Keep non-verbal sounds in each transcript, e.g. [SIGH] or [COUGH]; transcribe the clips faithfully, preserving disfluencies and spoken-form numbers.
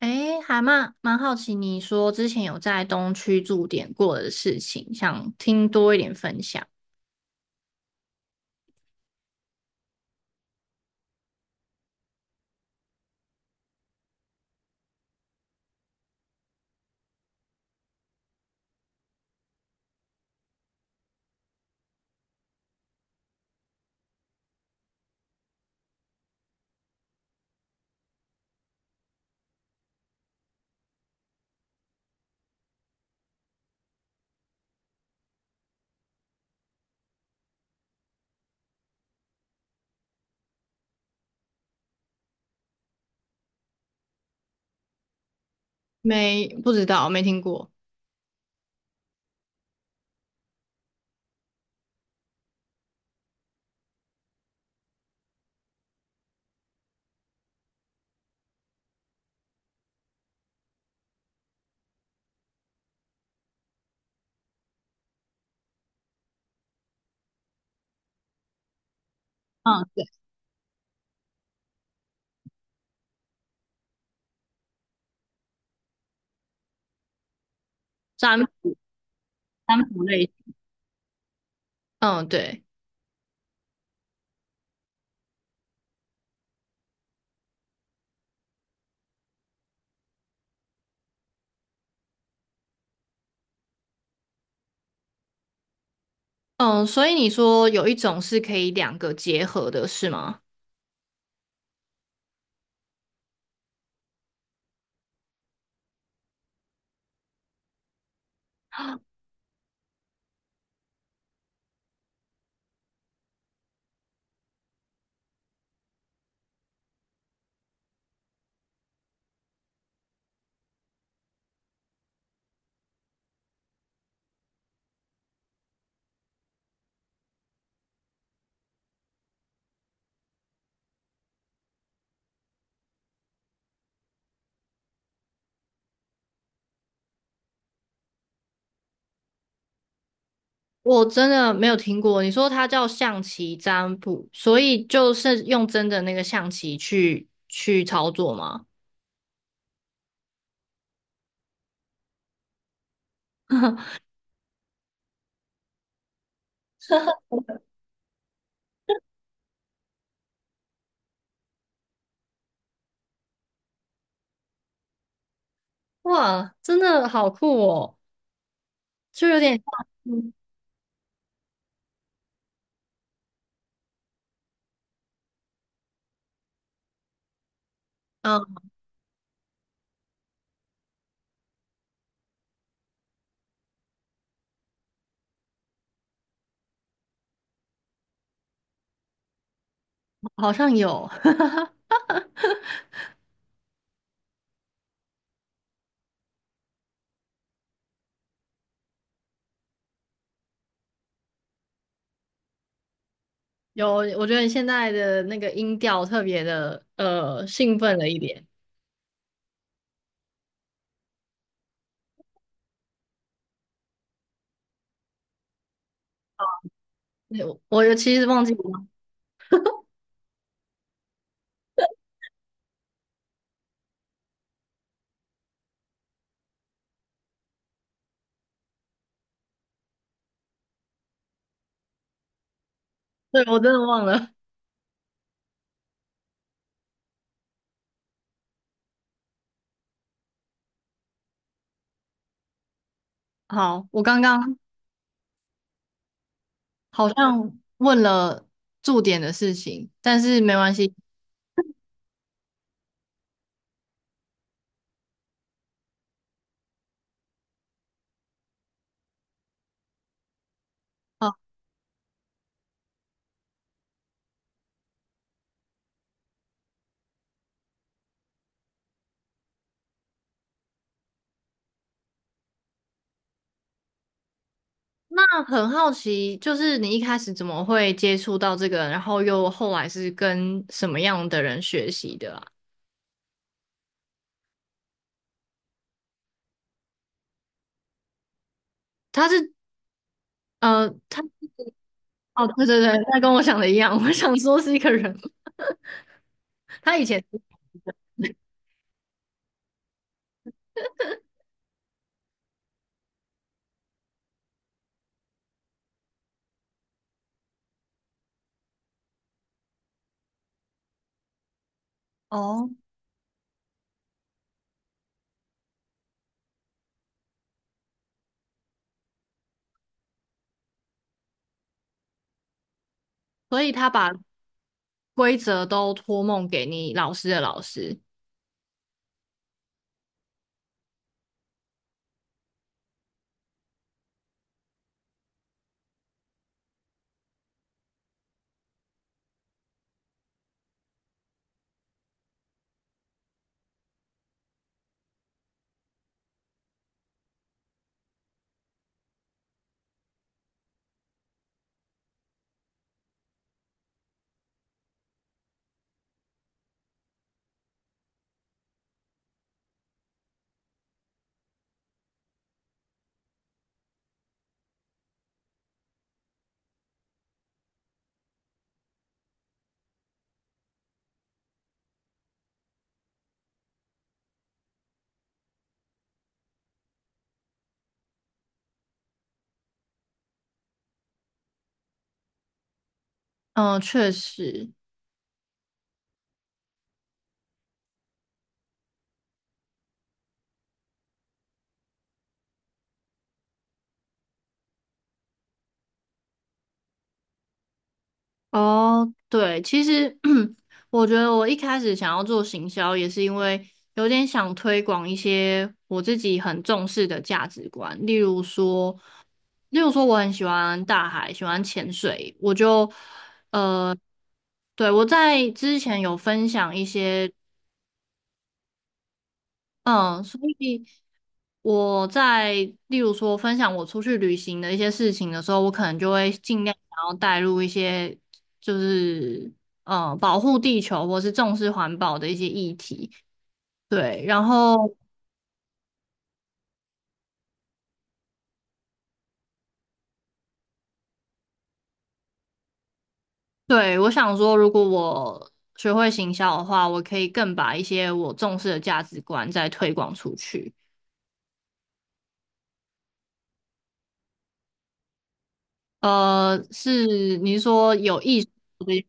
诶，还蛮蛮好奇，你说之前有在东区驻点过的事情，想听多一点分享。没，不知道，没听过。嗯，对，占卜占卜类型。嗯，对，嗯，所以你说有一种是可以两个结合的，是吗？我真的没有听过。你说它叫象棋占卜，所以就是用真的那个象棋去去操作吗？[LAUGHS] 哇，真的好酷哦，就有点像，嗯好像有，[LAUGHS] 有，我觉得你现在的那个音调特别的呃兴奋了一点。对我我其实忘记了，对，我真的忘了。[LAUGHS] 好，我刚刚好像问了驻点的事情，但是没关系。哦，那很好奇，就是你一开始怎么会接触到这个，然后又后来是跟什么样的人学习的啊？他是呃，他哦，对对对，他跟我想的一样，我想说是一个人，[LAUGHS] 他以前。哦，所以他把规则都托梦给你老师的老师。嗯，确实。哦，对，其实 [CLEARS THROAT] 我觉得我一开始想要做行销，也是因为有点想推广一些我自己很重视的价值观，例如说，例如说我很喜欢大海，喜欢潜水，我就呃，对，我在之前有分享一些嗯，所以我在例如说分享我出去旅行的一些事情的时候，我可能就会尽量想要带入一些就是嗯，保护地球或是重视环保的一些议题。对，然后对我想说，如果我学会行销的话，我可以更把一些我重视的价值观再推广出去。呃，是你是说有意识的？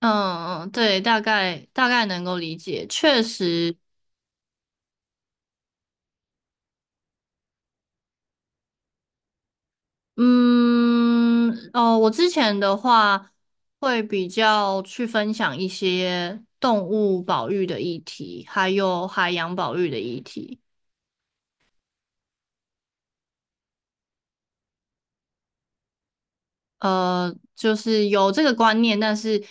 嗯嗯，对，大概大概能够理解，确实，嗯，哦，我之前的话会比较去分享一些动物保育的议题，还有海洋保育的议题，呃，就是有这个观念，但是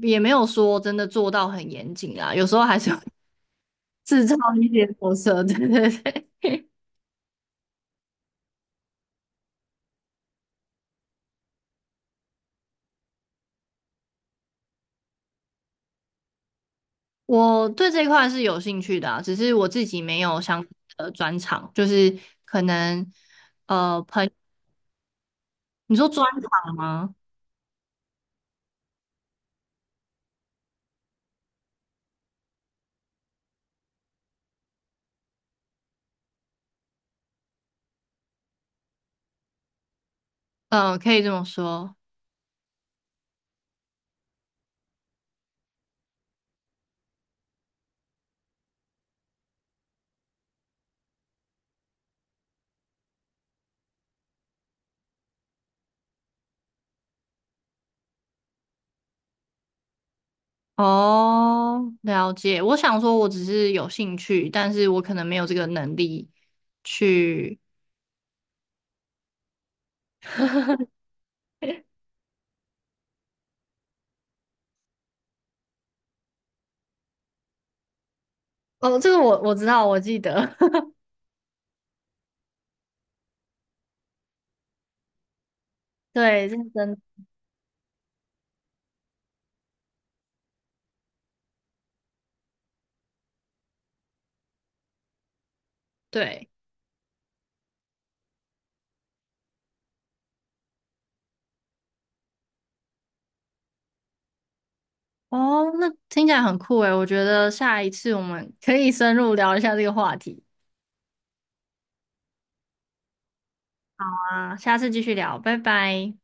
也没有说真的做到很严谨啦，有时候还是会 [LAUGHS] 制造一些破色，对对对。我对这一块是有兴趣的啊只是我自己没有相关的专长，就是可能呃，朋，你说专长吗？嗯、可以这么说。哦，了解。我想说，我只是有兴趣，但是我可能没有这个能力去。哦，这个我我知道，我记得。[LAUGHS] 对，认真。对。哦，那听起来很酷诶，我觉得下一次我们可以深入聊一下这个话题啊，下次继续聊，拜拜。